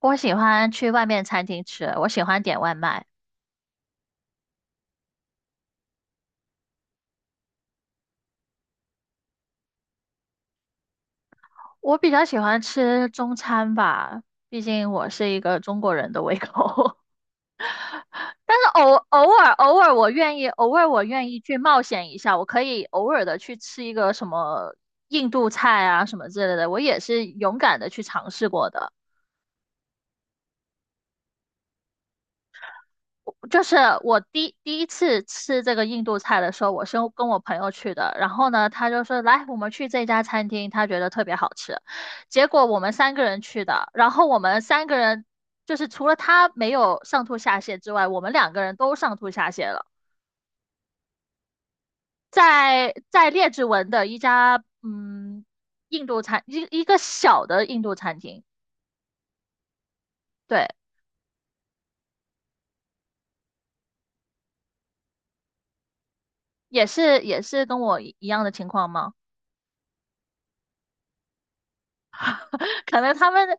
我喜欢去外面餐厅吃，我喜欢点外卖。我比较喜欢吃中餐吧，毕竟我是一个中国人的胃口。但是偶尔我愿意，偶尔我愿意去冒险一下，我可以偶尔的去吃一个什么印度菜啊什么之类的，我也是勇敢的去尝试过的。就是我第一次吃这个印度菜的时候，我是跟我朋友去的，然后呢，他就说来，我们去这家餐厅，他觉得特别好吃。结果我们三个人去的，然后我们三个人就是除了他没有上吐下泻之外，我们两个人都上吐下泻了。在列治文的一家印度餐一个小的印度餐厅，对，也是跟我一样的情况吗？可能他们，的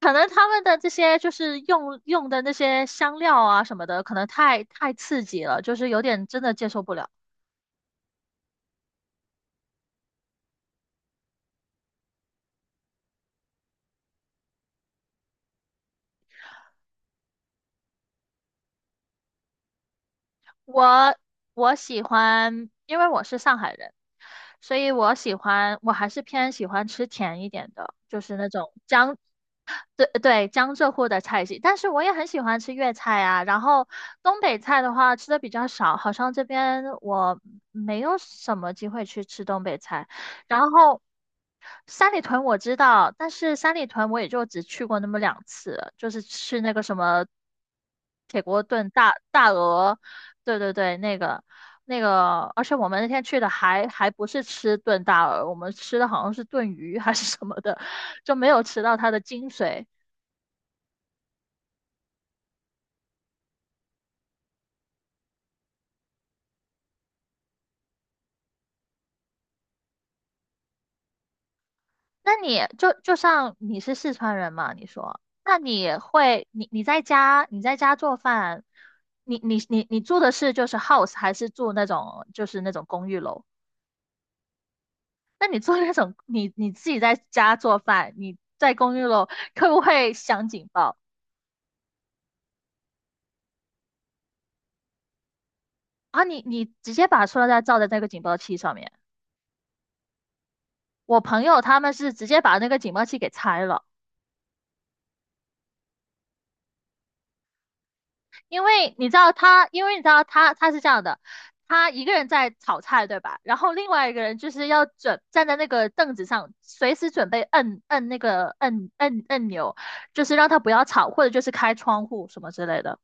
可能他们的这些就是用的那些香料啊什么的，可能太刺激了，就是有点真的接受不了。我我喜欢，因为我是上海人，所以我喜欢，我还是偏喜欢吃甜一点的，就是那种江，对对，江浙沪的菜系。但是我也很喜欢吃粤菜啊，然后东北菜的话吃的比较少，好像这边我没有什么机会去吃东北菜，然后。三里屯我知道，但是三里屯我也就只去过那么两次，就是吃那个什么铁锅炖大鹅，对对对，那个，而且我们那天去的还不是吃炖大鹅，我们吃的好像是炖鱼还是什么的，就没有吃到它的精髓。那你就像你是四川人嘛，你说，那你会你在家你在家做饭，你住的是就是 house 还是住那种就是那种公寓楼？那你做那种，你自己在家做饭，你在公寓楼，会不会响警报啊？你直接把塑料袋罩在那个警报器上面。我朋友他们是直接把那个警报器给拆了，因为你知道他是这样的，他一个人在炒菜，对吧？然后另外一个人就是要准站在那个凳子上，随时准备摁那个摁按钮，就是让他不要吵，或者就是开窗户什么之类的。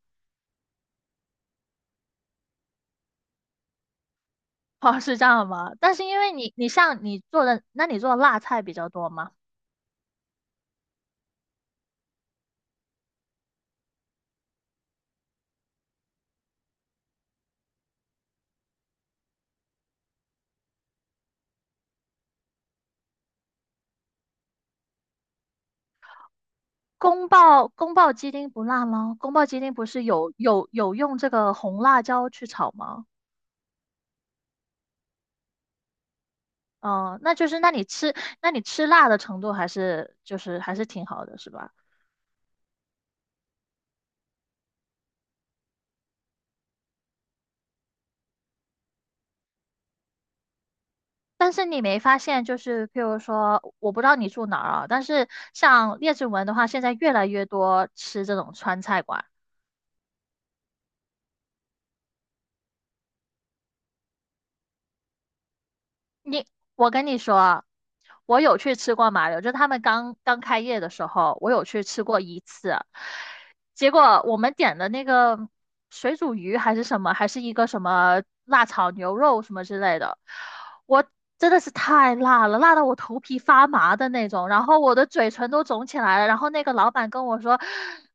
哦，是这样吗？但是因为你，你像你做的，那你做的辣菜比较多吗？宫爆鸡丁不辣吗？宫爆鸡丁不是有用这个红辣椒去炒吗？哦，那就是那你吃辣的程度还是就是还是挺好的，是吧？但是你没发现，就是譬如说，我不知道你住哪儿啊，但是像列治文的话，现在越来越多吃这种川菜馆。你，我跟你说，我有去吃过麻油，就他们刚刚开业的时候，我有去吃过一次。结果我们点的那个水煮鱼还是什么，还是一个什么辣炒牛肉什么之类的，我真的是太辣了，辣到我头皮发麻的那种，然后我的嘴唇都肿起来了。然后那个老板跟我说：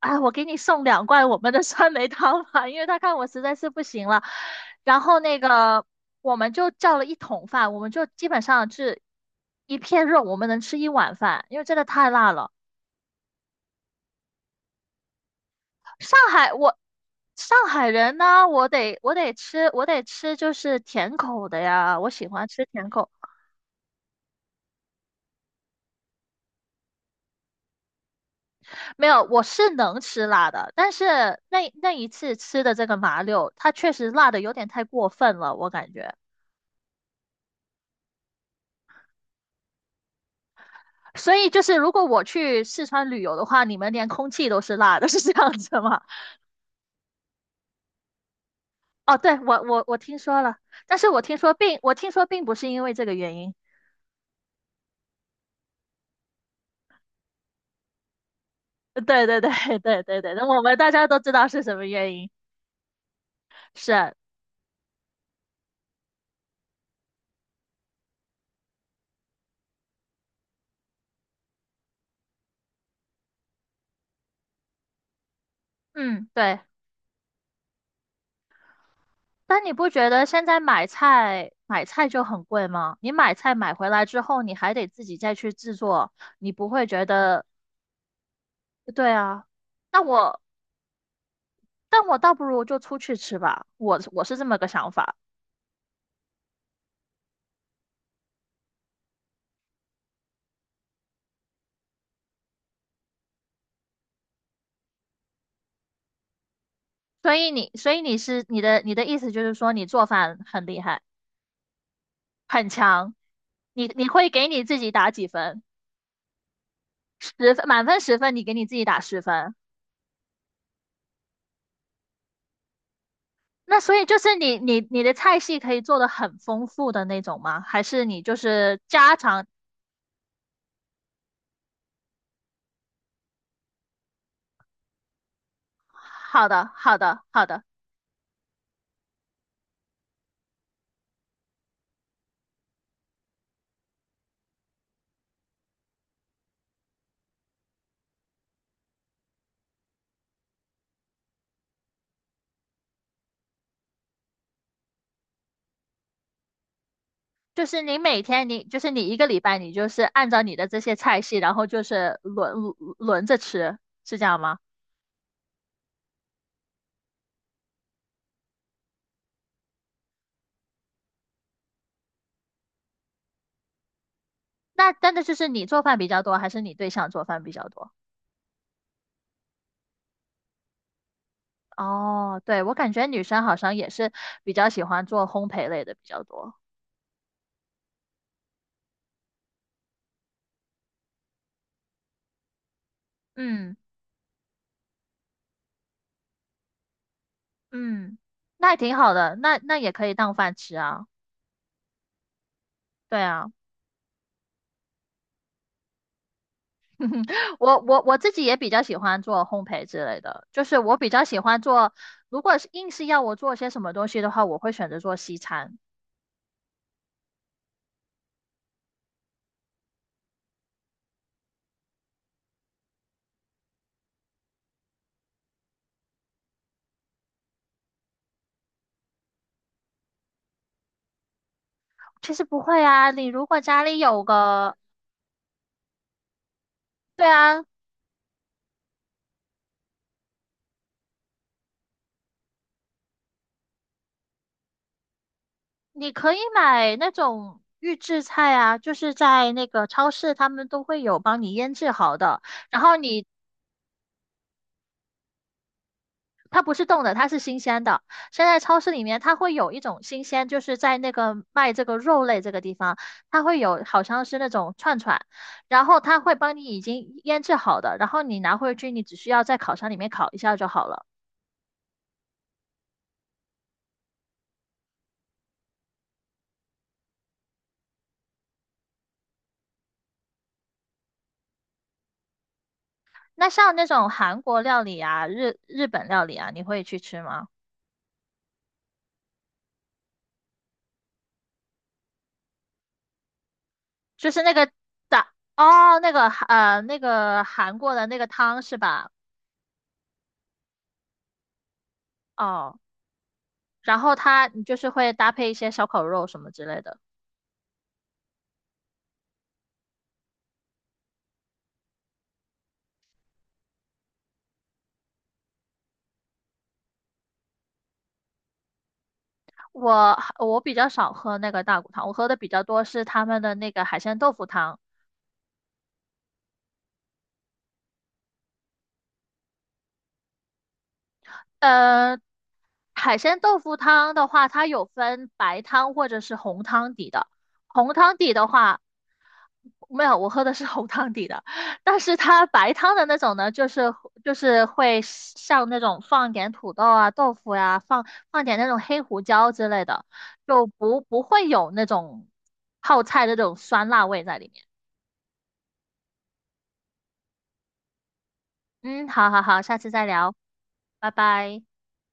“哎，我给你送两罐我们的酸梅汤吧，因为他看我实在是不行了。”然后那个我们就叫了一桶饭，我们就基本上是一片肉，我们能吃一碗饭，因为真的太辣了。上海我上海人呢，我得吃就是甜口的呀，我喜欢吃甜口没有，我是能吃辣的，但是那一次吃的这个麻溜，它确实辣的有点太过分了，我感觉。所以就是，如果我去四川旅游的话，你们连空气都是辣的，是这样子吗？哦，对，我听说了，但是我听说并不是因为这个原因。对对对对对对，那我们大家都知道是什么原因。是，嗯，对。但你不觉得现在买菜就很贵吗？你买菜买回来之后，你还得自己再去制作，你不会觉得，呃对啊，那我，但我倒不如就出去吃吧，我是这么个想法。所以你，所以你是你的意思就是说你做饭很厉害，你会给你自己打几分？十分，满分十分，你给你自己打十分。那所以就是你的菜系可以做的很丰富的那种吗？还是你就是家常好的，好的，好的，就是你每天你就是你一个礼拜你就是按照你的这些菜系，然后就是轮着吃，是这样吗？那真的就是你做饭比较多，还是你对象做饭比较多？哦，对，我感觉女生好像也是比较喜欢做烘焙类的比较多。嗯嗯，那也挺好的，那那也可以当饭吃啊。对啊。我自己也比较喜欢做烘焙之类的，就是我比较喜欢做，如果是硬是要我做些什么东西的话，我会选择做西餐。其实不会啊，你如果家里有个，对啊，你可以买那种预制菜啊，就是在那个超市他们都会有帮你腌制好的，然后你它不是冻的，它是新鲜的。现在超市里面它会有一种新鲜，就是在那个卖这个肉类这个地方，它会有好像是那种串串，然后它会帮你已经腌制好的，然后你拿回去，你只需要在烤箱里面烤一下就好了。那像那种韩国料理啊、日本料理啊，你会去吃吗？就是那个打哦，那个那个韩国的那个汤是吧？哦，然后它你就是会搭配一些烧烤肉什么之类的。我比较少喝那个大骨汤，我喝的比较多是他们的那个海鲜豆腐汤。呃，海鲜豆腐汤的话，它有分白汤或者是红汤底的。红汤底的话，没有，我喝的是红汤底的。但是它白汤的那种呢，就是就是会像那种放点土豆啊、豆腐呀、放点那种黑胡椒之类的，就不会有那种泡菜的这种酸辣味在里面。嗯，好好好，下次再聊，拜拜。